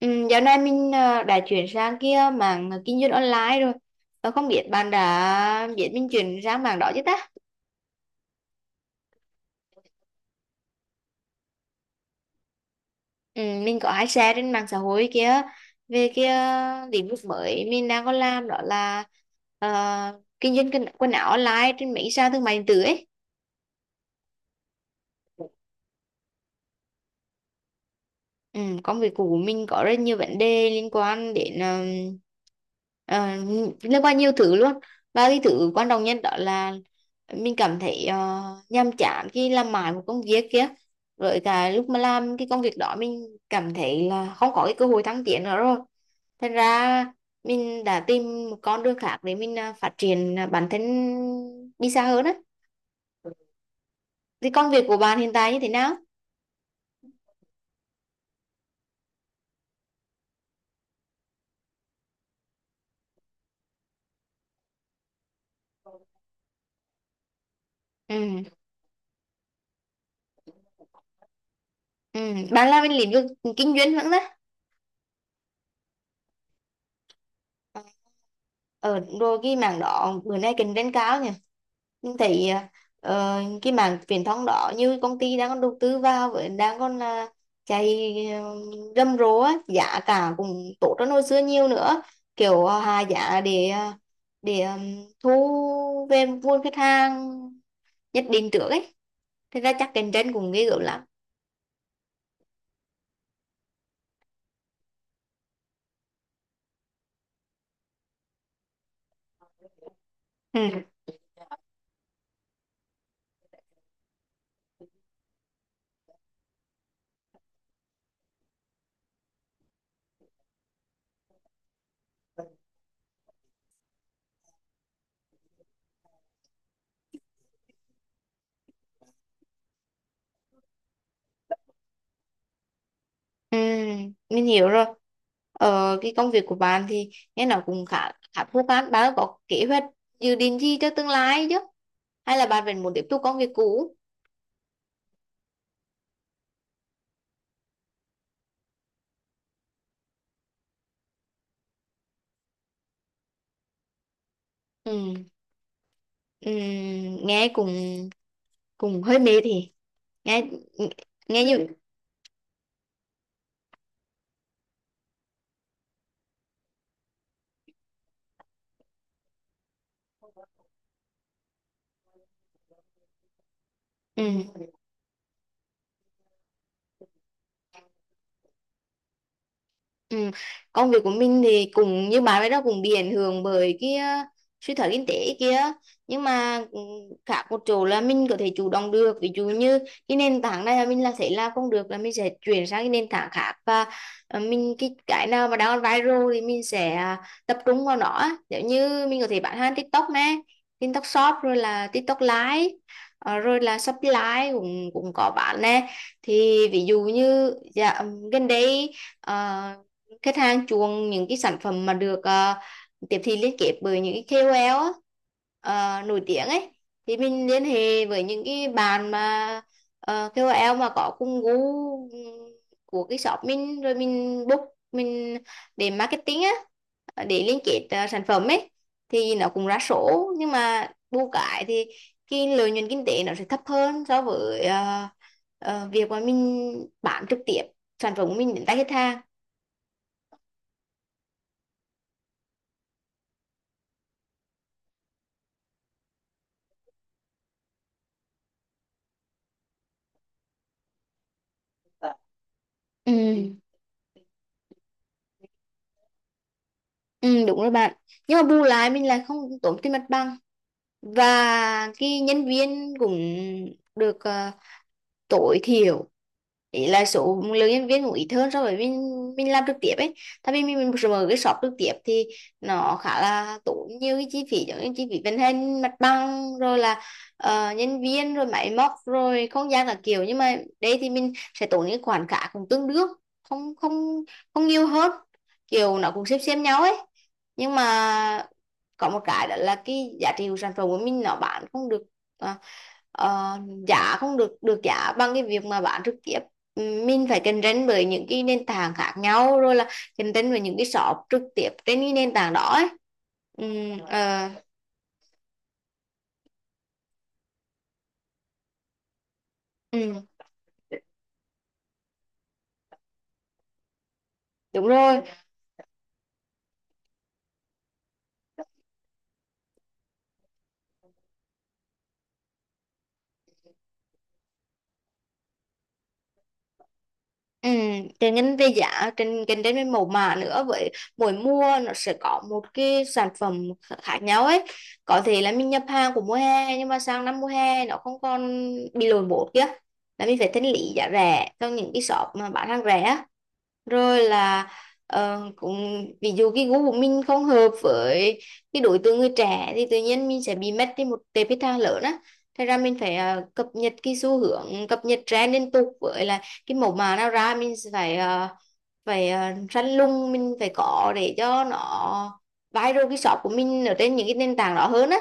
Ừ, Dạo này mình đã chuyển sang kia mảng kinh doanh online rồi. Và không biết bạn đã biết mình chuyển sang mảng đó chứ ta? Ừ, mình có hay share trên mạng xã hội kia về cái lĩnh vực mới mình đang có làm đó là ờ, kinh doanh quần quần áo online trên mấy sàn thương mại điện tử ấy. Ừ, công việc của mình có rất nhiều vấn đề liên quan đến ờ, liên quan nhiều thứ luôn, và cái thứ quan trọng nhất đó là mình cảm thấy nhàm chán khi làm mãi một công việc kia, rồi cả lúc mà làm cái công việc đó mình cảm thấy là không có cái cơ hội thăng tiến nữa rồi, thành ra mình đã tìm một con đường khác để mình phát triển bản thân đi xa hơn á. Thì công việc của bạn hiện tại như thế nào? Ừ, ừ. Bạn làm bên lĩnh vực kinh doanh vẫn đó. Ờ, rồi cái mảng đó bữa nay cạnh tranh cao nhỉ, nhưng thấy ờ, cái mảng truyền thông đó như công ty đang còn đầu tư vào với đang còn là chạy rầm rộ á, giá cả cũng tốt hơn hồi xưa nhiều nữa, kiểu hạ giá để để thu về nguồn khách hàng nhất định trước ấy, thế ra chắc cạnh tranh cũng ghê gớm lắm. Ừ. Ừ, mình hiểu rồi. Ờ, cái công việc của bạn thì nghe nó cũng khá khá thú phản. Bạn có kế hoạch dự định gì cho tương lai chứ? Hay là bạn vẫn muốn tiếp tục công việc cũ? Ừ. Ừ, nghe cũng cũng hơi mệt thì nghe nghe như ừ. Ừ. Công việc của mình thì cũng như bạn ấy đó, cũng bị ảnh hưởng bởi cái suy thoái kinh tế kia, nhưng mà ừ, khác một chỗ là mình có thể chủ động được. Ví dụ như cái nền tảng này là mình là thấy làm không được là mình sẽ chuyển sang cái nền tảng khác, và mình cái nào mà đang viral thì mình sẽ tập trung vào nó á. Giống như mình có thể bán hàng TikTok nè, TikTok Shop, rồi là TikTok Live, rồi là Shopee Live cũng cũng có bán nè. Thì ví dụ như dạ, gần đây ờ, khách hàng chuộng những cái sản phẩm mà được tiếp thị liên kết bởi những cái KOL á, nổi tiếng ấy, thì mình liên hệ với những cái bạn mà KOL mà có cùng gu của cái shop mình, rồi mình book mình để marketing á, để liên kết sản phẩm ấy, thì nó cũng ra số. Nhưng mà bù cái thì cái lợi nhuận kinh tế nó sẽ thấp hơn so với việc mà mình bán trực tiếp sản phẩm của mình đến tay khách hàng. Ừ. Ừ, đúng rồi bạn. Nhưng mà bù lại mình lại không tốn tiền mặt bằng. Và cái nhân viên cũng được tối thiểu, ý là số lượng nhân viên cũng ít hơn so với mình làm trực tiếp ấy, tại vì mình mở cái shop trực tiếp thì nó khá là tốn nhiều cái chi phí, giống như chi phí vận hành mặt bằng, rồi là nhân viên, rồi máy móc, rồi không gian là kiểu, nhưng mà đây thì mình sẽ tốn những khoản cả cũng tương đương, không không không nhiều hơn, kiểu nó cũng xem nhau ấy. Nhưng mà có một cái đó là cái giá trị của sản phẩm của mình nó bán không được à, ờ, giá, không được được giá bằng cái việc mà bán trực tiếp. Mình phải cạnh tranh với những cái nền tảng khác nhau, rồi là cạnh tranh với những cái shop trực tiếp trên cái nền tảng đó ấy. Ừm, ờ, ừm, đúng rồi. Ừ, trên ngành về giá, trên cạnh đến với mẫu mã nữa, với mỗi mua nó sẽ có một cái sản phẩm khác nhau ấy. Có thể là mình nhập hàng của mùa hè, nhưng mà sang năm mùa hè nó không còn bị lỗi bột kia là mình phải thanh lý giá rẻ cho những cái shop mà bán hàng rẻ á. Rồi là cũng ví dụ cái gu của mình không hợp với cái đối tượng người trẻ thì tự nhiên mình sẽ bị mất đi một tệp khách hàng lớn á. Thế ra mình phải cập nhật cái xu hướng, cập nhật trend liên tục, với lại cái mẫu mã nào ra mình sẽ phải phải răn lung mình phải có để cho nó viral cái shop của mình ở trên những cái nền tảng đó hơn á.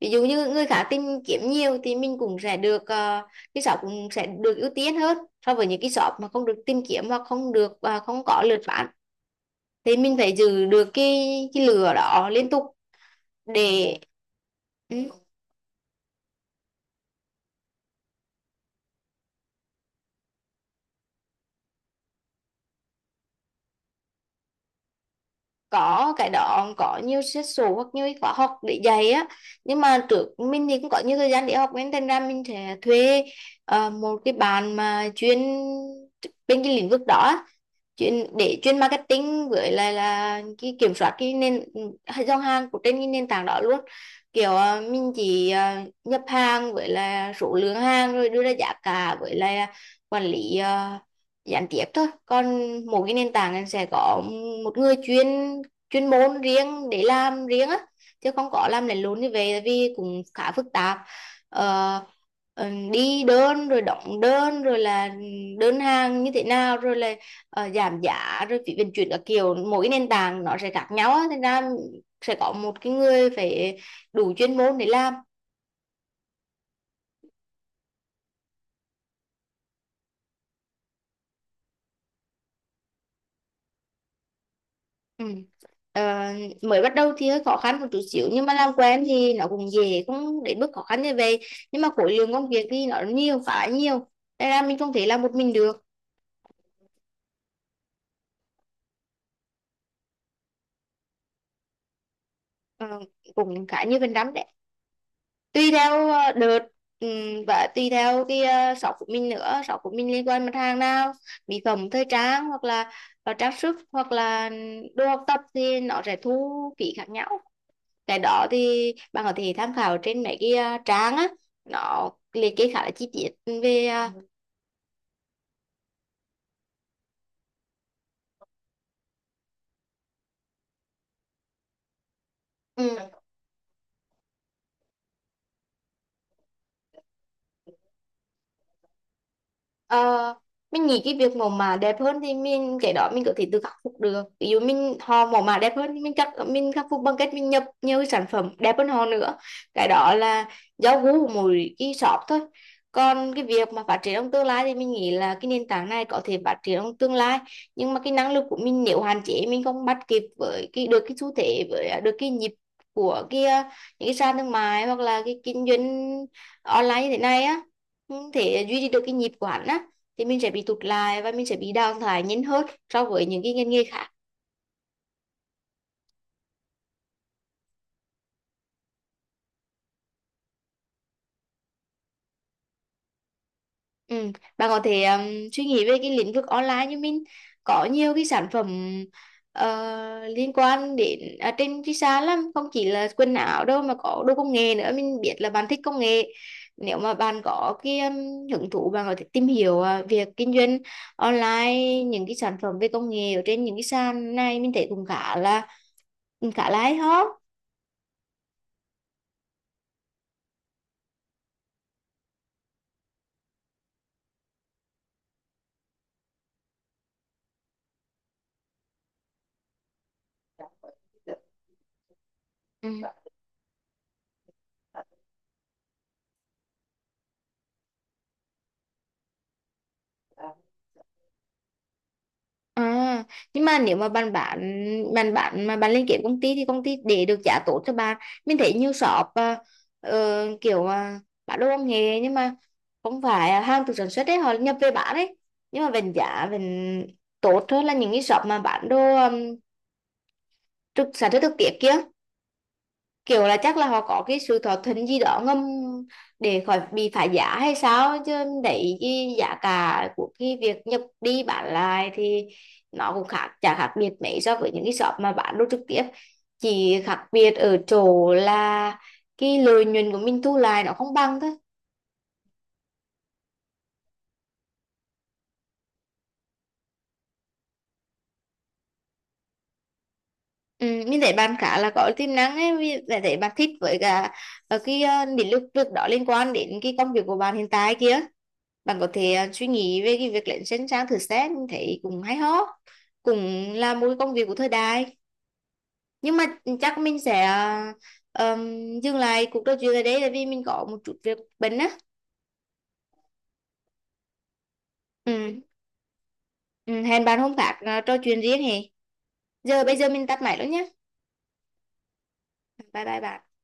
Ví dụ như người khác tìm kiếm nhiều thì mình cũng sẽ được cái shop cũng sẽ được ưu tiên hơn so với những cái shop mà không được tìm kiếm hoặc không được không có lượt bán, thì mình phải giữ được cái lửa đó liên tục để ừ, có cái đó, có nhiều xét số hoặc nhiều khóa học để dạy á. Nhưng mà trước mình thì cũng có nhiều thời gian để học, nên thành ra mình sẽ thuê một cái bạn mà chuyên bên cái lĩnh vực đó, chuyên marketing, với lại là cái kiểm soát cái nền dòng hàng của trên cái nền tảng đó luôn. Kiểu mình chỉ nhập hàng với là số lượng hàng, rồi đưa ra giá cả, với là quản lý gián tiếp thôi, còn mỗi cái nền tảng này sẽ có một người chuyên chuyên môn riêng để làm riêng á, chứ không có làm lẫn lộn như vậy, tại vì cũng khá phức tạp. Ờ, đi đơn rồi đóng đơn, rồi là đơn hàng như thế nào, rồi là giảm giá rồi phí vận chuyển các kiểu, mỗi nền tảng nó sẽ khác nhau á, thành ra sẽ có một cái người phải đủ chuyên môn để làm. Ừ. Ờ, mới bắt đầu thì hơi khó khăn một chút xíu, nhưng mà làm quen thì nó cũng dễ, cũng đến mức khó khăn như vậy, nhưng mà khối lượng công việc thì nó nhiều, khá nhiều, nên là mình không thể làm một mình được. Ờ, cũng khá nhiều phần trăm, tùy theo đợt, và tùy theo cái shop của mình nữa, shop của mình liên quan mặt hàng nào, mỹ phẩm, thời trang, hoặc là trang sức, hoặc là đồ học tập thì nó sẽ thu phí khác nhau. Cái đó thì bạn có thể tham khảo trên mấy cái trang á, nó liệt kê khá là chi tiết về ờ, ừ. Ờ, mình nghĩ cái việc mẫu mã đẹp hơn thì mình cái đó mình có thể tự khắc phục được. Ví dụ mình họ mẫu mã đẹp hơn thì mình khắc phục bằng cách mình nhập nhiều cái sản phẩm đẹp hơn họ nữa, cái đó là do gu của mỗi cái shop thôi. Còn cái việc mà phát triển trong tương lai thì mình nghĩ là cái nền tảng này có thể phát triển trong tương lai, nhưng mà cái năng lực của mình nếu hạn chế, mình không bắt kịp với cái được cái xu thế, với được cái nhịp của cái những cái sàn thương mại, hoặc là cái kinh doanh online như thế này á, không thể duy trì được cái nhịp của hắn á, thì mình sẽ bị tụt lại và mình sẽ bị đào thải nhanh hơn so với những cái ngành nghề khác. Ừ. Bạn có thể suy nghĩ về cái lĩnh vực online như mình, có nhiều cái sản phẩm liên quan đến trên cái sàn lắm, không chỉ là quần áo đâu mà có đồ công nghệ nữa, mình biết là bạn thích công nghệ. Nếu mà bạn có cái hứng thú, bạn có thể tìm hiểu việc kinh doanh online những cái sản phẩm về công nghệ ở trên những cái sàn này, mình thấy cũng khá là hay ho. Ừ. À, nhưng mà nếu mà bạn bán mà bạn lên kế công ty thì công ty để được giá tốt cho bạn. Mình thấy nhiều shop kiểu bán đồ công nghệ, nhưng mà không phải hàng từ sản xuất đấy, họ nhập về bán đấy, nhưng mà vẫn giá vẫn tốt hơn là những cái shop mà bán đồ um, trực sản xuất thực tiễn kia, kiểu là chắc là họ có cái sự thỏa thuận gì đó ngầm để khỏi bị phá giá hay sao chứ. Đấy, cái giá cả của cái việc nhập đi bán lại thì nó cũng chả khác biệt mấy so với những cái shop mà bán đồ trực tiếp, chỉ khác biệt ở chỗ là cái lợi nhuận của mình thu lại nó không bằng thôi. Ừ, mình thấy bạn khá là có tiềm năng ấy, mình thấy thấy bạn thích, với cả cái lĩnh vực đó liên quan đến cái công việc của bạn hiện tại kia. Bạn có thể suy nghĩ về cái việc lên trên trang thử, xét thấy cũng hay ho, cũng là một cái công việc của thời đại. Nhưng mà chắc mình sẽ dừng lại cuộc trò chuyện ở đây tại vì mình có một chút việc bận á. Ừ. Ừ, hẹn bạn hôm khác trò chuyện riêng hè. Bây giờ mình tắt máy luôn nhé. Bye bye bạn.